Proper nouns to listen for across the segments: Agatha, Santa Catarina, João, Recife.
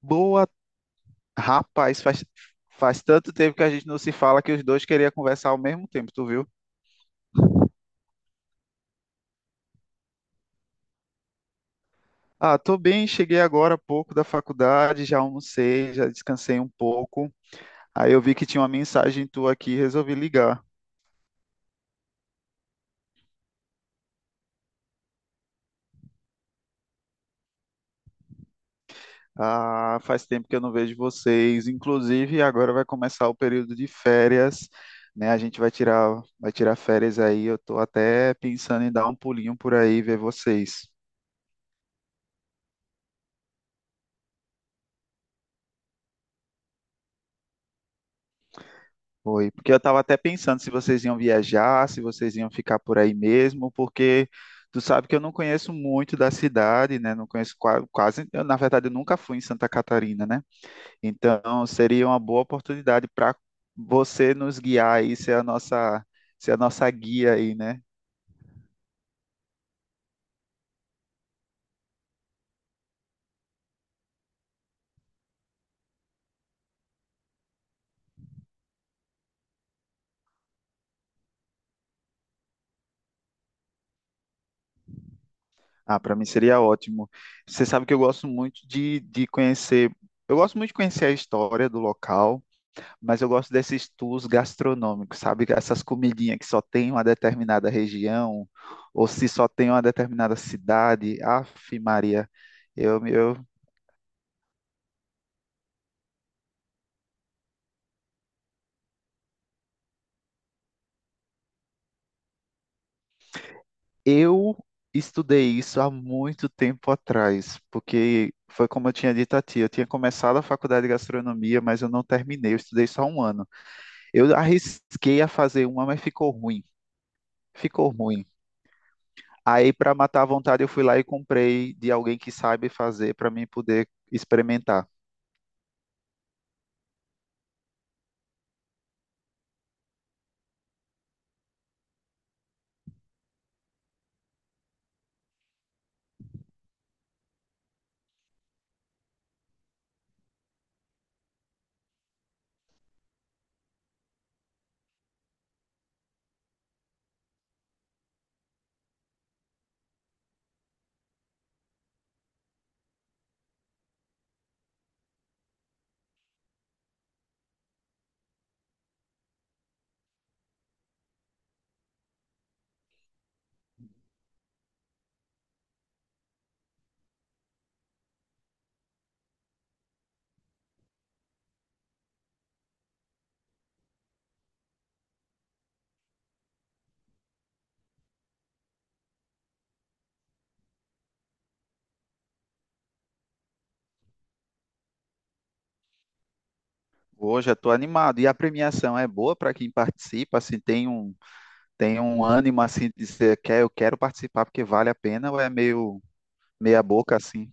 Boa, rapaz, faz tanto tempo que a gente não se fala que os dois queriam conversar ao mesmo tempo, tu viu? Ah, tô bem, cheguei agora há pouco da faculdade, já almocei, já descansei um pouco. Aí eu vi que tinha uma mensagem tua aqui, e resolvi ligar. Ah, faz tempo que eu não vejo vocês. Inclusive, agora vai começar o período de férias, né? A gente vai tirar férias aí. Eu tô até pensando em dar um pulinho por aí, ver vocês. Foi, porque eu estava até pensando se vocês iam viajar, se vocês iam ficar por aí mesmo, porque tu sabe que eu não conheço muito da cidade, né? Não conheço quase, eu, na verdade, eu nunca fui em Santa Catarina, né? Então seria uma boa oportunidade para você nos guiar aí, ser a nossa guia aí, né? Ah, para mim seria ótimo. Você sabe que eu gosto muito de conhecer, eu gosto muito de conhecer a história do local. Mas eu gosto desses tours gastronômicos, sabe? Essas comidinhas que só tem uma determinada região, ou se só tem uma determinada cidade. Aff, Maria, eu, eu, eu estudei isso há muito tempo atrás, porque foi como eu tinha dito a ti, eu tinha começado a faculdade de gastronomia, mas eu não terminei, eu estudei só um ano. Eu arrisquei a fazer uma, mas ficou ruim, ficou ruim. Aí, para matar a vontade, eu fui lá e comprei de alguém que sabe fazer para mim poder experimentar. Hoje eu estou animado. E a premiação é boa para quem participa, assim, tem um ânimo assim de dizer, quer, eu quero participar porque vale a pena, ou é meio meia boca assim.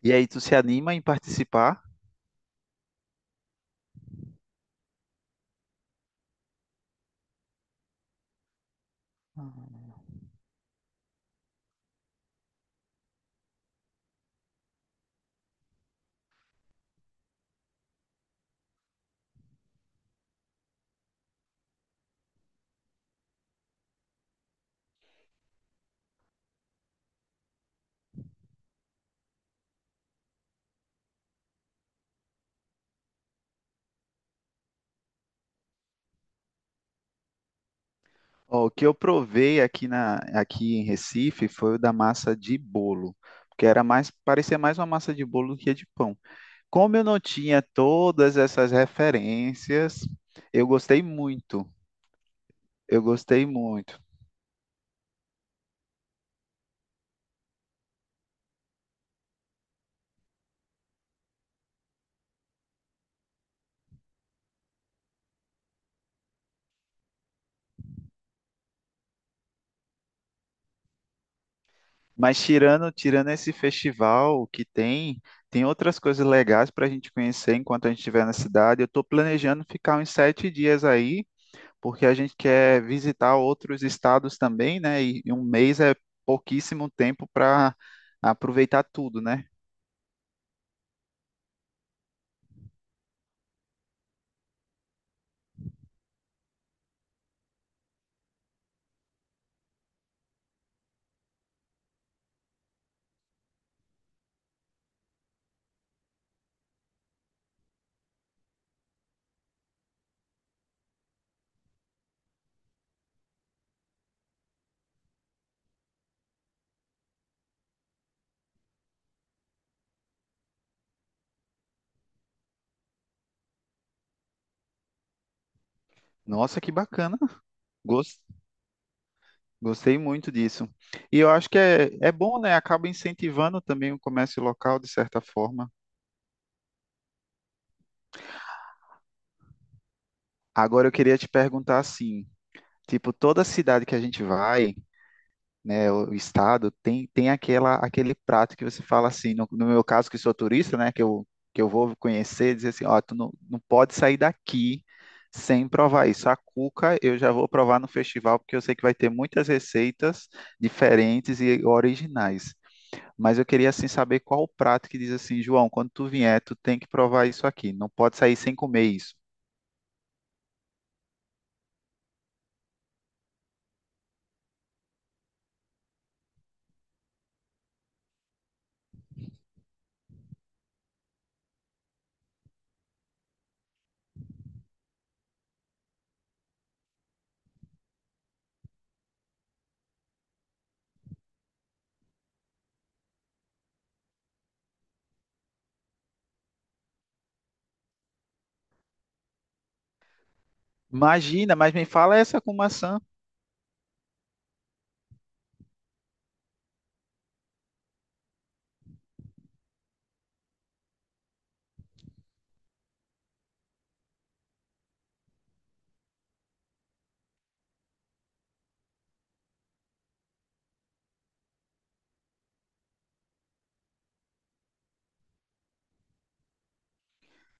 E aí tu se anima em participar? Ó, o que eu provei aqui em Recife foi o da massa de bolo, porque era mais parecia mais uma massa de bolo do que de pão. Como eu não tinha todas essas referências, eu gostei muito. Eu gostei muito. Mas tirando esse festival que tem, tem outras coisas legais para a gente conhecer enquanto a gente estiver na cidade. Eu estou planejando ficar uns 7 dias aí, porque a gente quer visitar outros estados também, né? E um mês é pouquíssimo tempo para aproveitar tudo, né? Nossa, que bacana! Gos- Gostei muito disso. E eu acho que é, é bom, né? Acaba incentivando também o comércio local, de certa forma. Agora eu queria te perguntar assim, tipo, toda cidade que a gente vai. Né, o estado, tem aquela, aquele prato que você fala assim, no meu caso que sou turista, né, que eu vou conhecer, dizer assim, ó, tu não, não pode sair daqui sem provar isso. A cuca eu já vou provar no festival, porque eu sei que vai ter muitas receitas diferentes e originais. Mas eu queria assim saber qual o prato que diz assim, João, quando tu vier, tu tem que provar isso aqui, não pode sair sem comer isso. Imagina, mas me fala essa com maçã.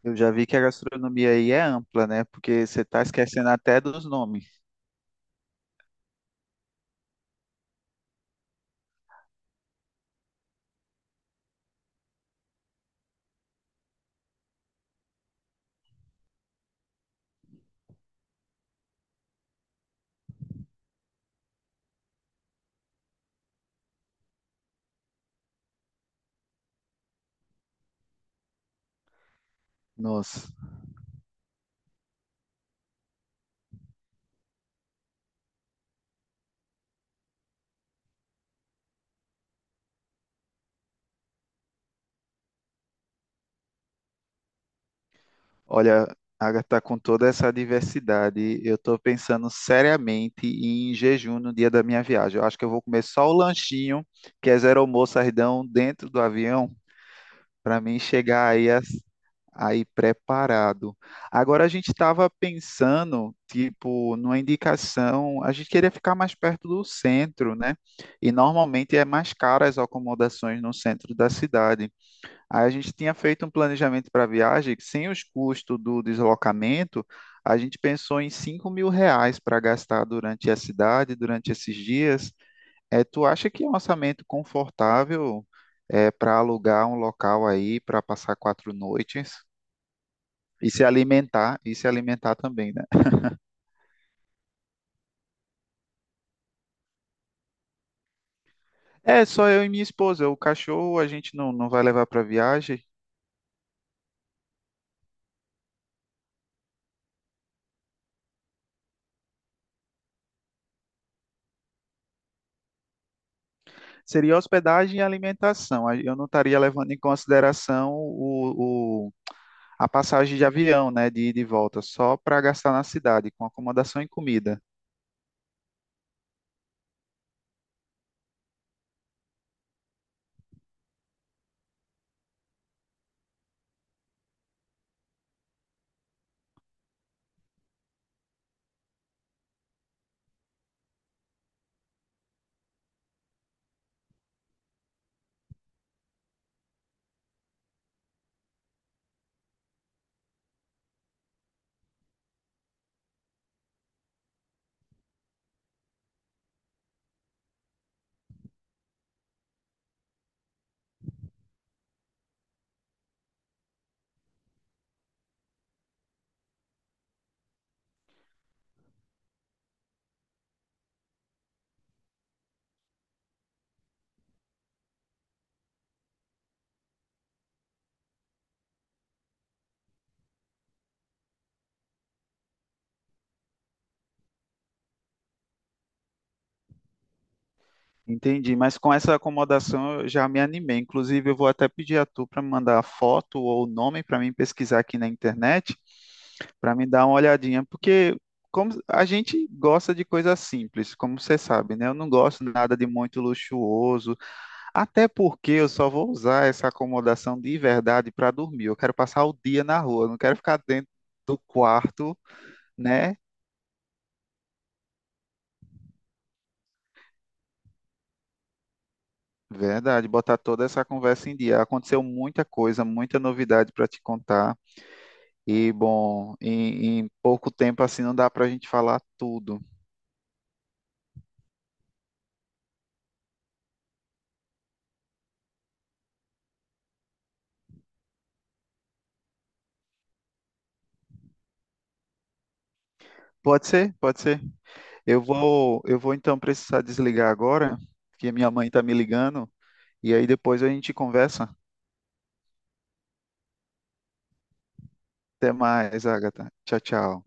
Eu já vi que a gastronomia aí é ampla, né? Porque você está esquecendo até dos nomes. Nossa, olha, Agatha, tá com toda essa diversidade, eu estou pensando seriamente em jejum no dia da minha viagem. Eu acho que eu vou comer só o lanchinho, que é zero almoço, sardão, dentro do avião. Para mim chegar aí, aí preparado. Agora a gente estava pensando, tipo, numa indicação, a gente queria ficar mais perto do centro, né? E normalmente é mais caro as acomodações no centro da cidade. Aí a gente tinha feito um planejamento para a viagem que sem os custos do deslocamento, a gente pensou em R$ 5.000 para gastar durante a cidade, durante esses dias. É, tu acha que é um orçamento confortável é, para alugar um local aí para passar 4 noites e se alimentar também, né? É só eu e minha esposa. O cachorro a gente não, não vai levar para viagem. Seria hospedagem e alimentação. Aí eu não estaria levando em consideração a passagem de avião, né, de ida e volta, só para gastar na cidade com acomodação e comida. Entendi, mas com essa acomodação eu já me animei. Inclusive, eu vou até pedir a tu para me mandar a foto ou o nome para mim pesquisar aqui na internet, para me dar uma olhadinha, porque como a gente gosta de coisa simples, como você sabe, né? Eu não gosto de nada de muito luxuoso, até porque eu só vou usar essa acomodação de verdade para dormir. Eu quero passar o dia na rua, eu não quero ficar dentro do quarto, né? Verdade, botar toda essa conversa em dia. Aconteceu muita coisa, muita novidade para te contar. E, bom, em pouco tempo assim não dá para a gente falar tudo. Pode ser, pode ser. Eu vou então precisar desligar agora, porque minha mãe está me ligando, e aí depois a gente conversa. Até mais, Agatha. Tchau, tchau.